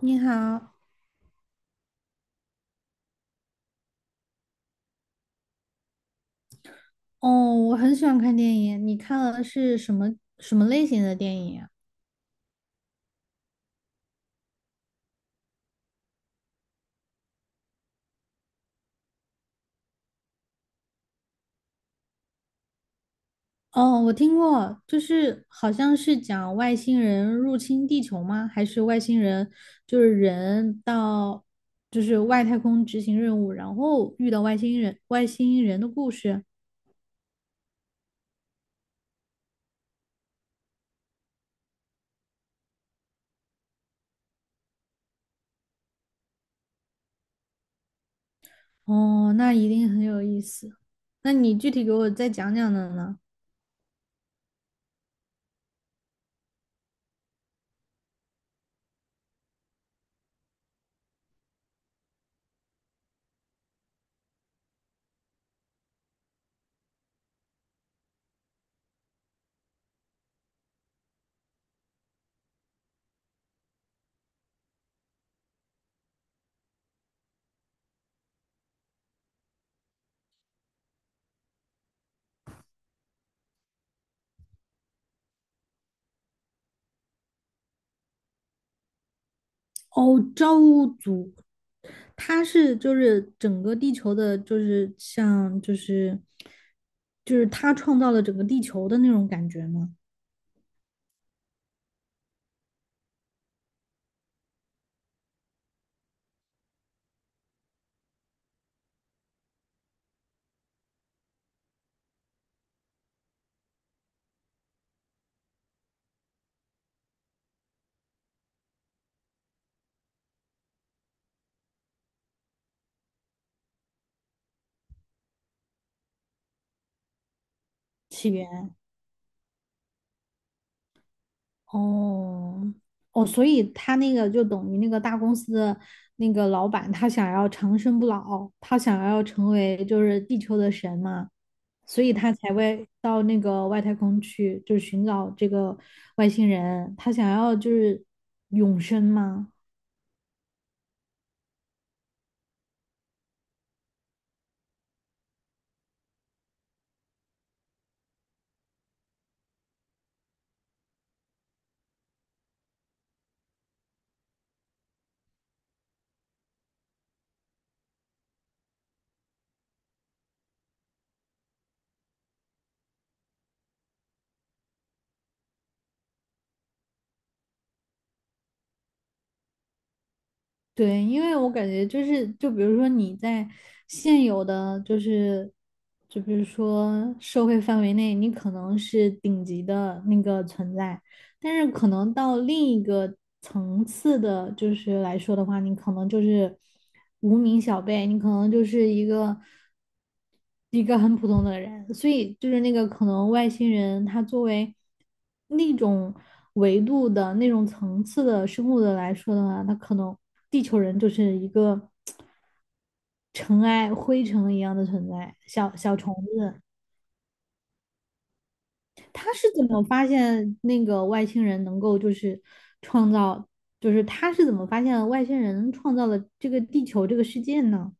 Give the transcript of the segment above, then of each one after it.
你好。哦，我很喜欢看电影。你看了是什么什么类型的电影啊？哦，我听过，就是好像是讲外星人入侵地球吗？还是外星人就是人到就是外太空执行任务，然后遇到外星人的故事？哦，那一定很有意思。那你具体给我再讲讲的呢？哦，造物主，他是就是整个地球的，就是像就是就是他创造了整个地球的那种感觉吗？起源。哦哦，所以他那个就等于那个大公司的那个老板，他想要长生不老，他想要成为就是地球的神嘛，所以他才会到那个外太空去，就是寻找这个外星人，他想要就是永生吗？对，因为我感觉就是，就比如说你在现有的就是，就比如说社会范围内，你可能是顶级的那个存在，但是可能到另一个层次的，就是来说的话，你可能就是无名小辈，你可能就是一个很普通的人，所以就是那个可能外星人，他作为那种维度的那种层次的生物的来说的话，他可能地球人就是一个 尘埃、灰尘一样的存在，小小虫子。他是怎么发现那个外星人能够就是创造，就是他是怎么发现外星人创造了这个地球这个世界呢？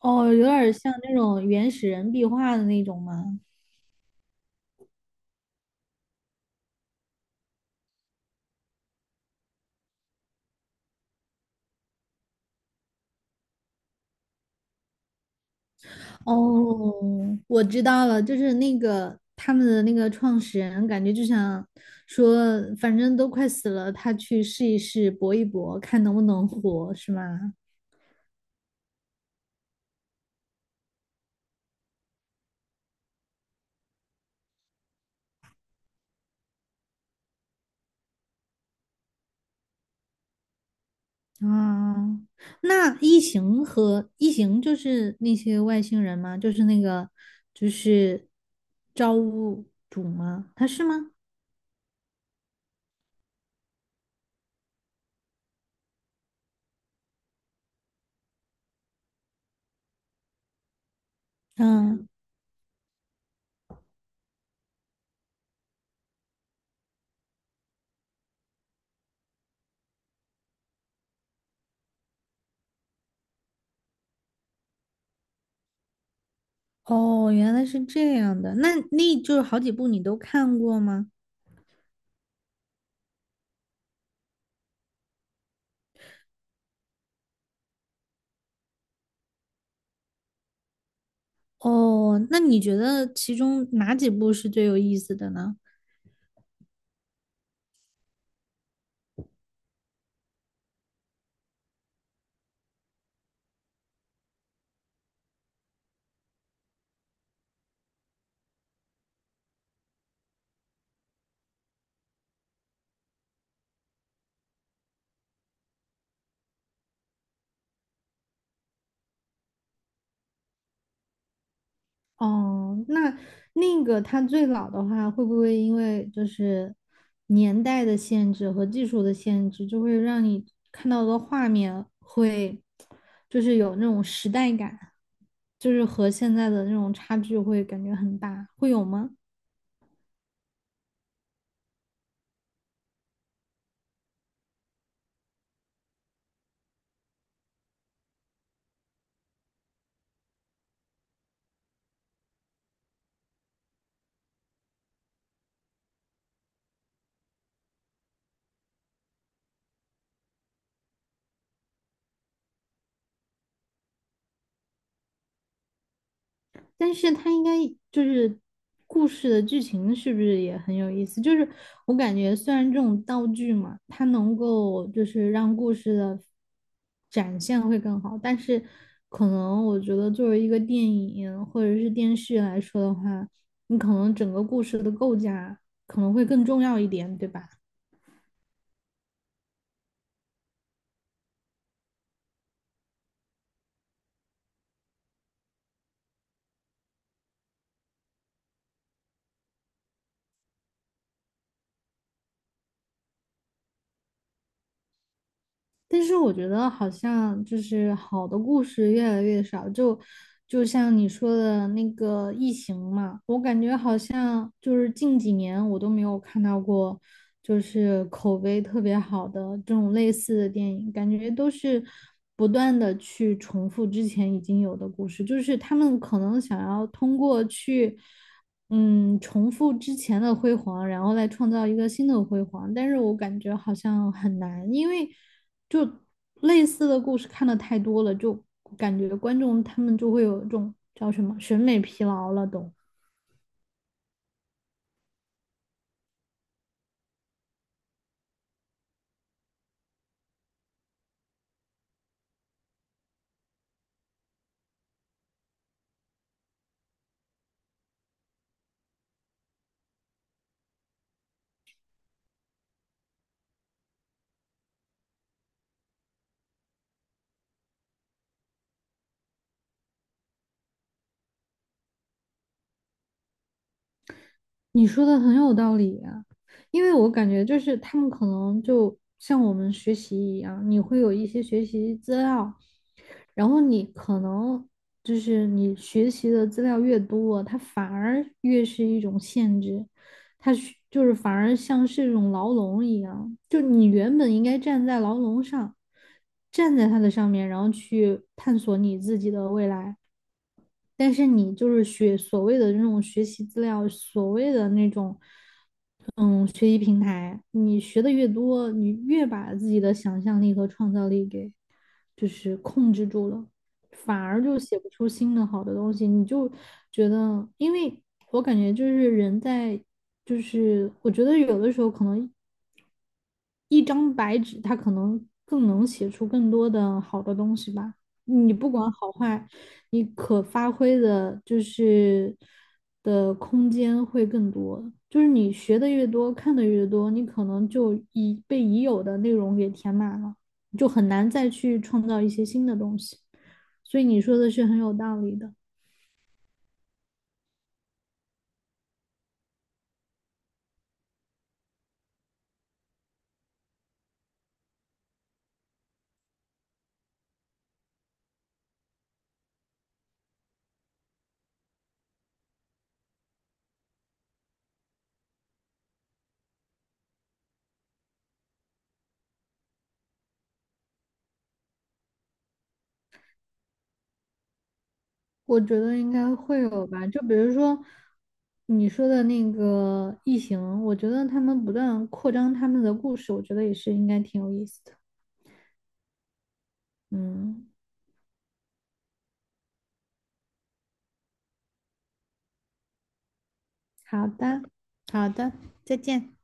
哦，有点像那种原始人壁画的那种吗？哦，我知道了，就是那个他们的那个创始人，感觉就想说，反正都快死了，他去试一试，搏一搏，看能不能活，是吗？啊，那异形和异形就是那些外星人吗？就是那个就是造物主吗？他是吗？嗯，哦，原来是这样的。那就是好几部你都看过吗？哦，那你觉得其中哪几部是最有意思的呢？哦，那那个它最老的话，会不会因为就是年代的限制和技术的限制，就会让你看到的画面会就是有那种时代感，就是和现在的那种差距会感觉很大，会有吗？但是它应该就是故事的剧情是不是也很有意思？就是我感觉虽然这种道具嘛，它能够就是让故事的展现会更好，但是可能我觉得作为一个电影或者是电视来说的话，你可能整个故事的构架可能会更重要一点，对吧？但是我觉得好像就是好的故事越来越少，就像你说的那个《异形》嘛，我感觉好像就是近几年我都没有看到过，就是口碑特别好的这种类似的电影，感觉都是不断的去重复之前已经有的故事，就是他们可能想要通过去。嗯，重复之前的辉煌，然后再创造一个新的辉煌，但是我感觉好像很难，因为就类似的故事看的太多了，就感觉观众他们就会有一种叫什么审美疲劳了都。你说的很有道理啊，因为我感觉就是他们可能就像我们学习一样，你会有一些学习资料，然后你可能就是你学习的资料越多，它反而越是一种限制，它是就是反而像是一种牢笼一样，就你原本应该站在牢笼上，站在它的上面，然后去探索你自己的未来。但是你就是学所谓的那种学习资料，所谓的那种，嗯，学习平台，你学的越多，你越把自己的想象力和创造力给就是控制住了，反而就写不出新的好的东西。你就觉得，因为我感觉就是人在，就是我觉得有的时候可能一张白纸，它可能更能写出更多的好的东西吧。你不管好坏，你可发挥的就是的空间会更多。就是你学的越多，看的越多，你可能就已被已有的内容给填满了，就很难再去创造一些新的东西。所以你说的是很有道理的。我觉得应该会有吧，就比如说你说的那个异形，我觉得他们不断扩张他们的故事，我觉得也是应该挺有意思的。嗯，好的，好的，再见。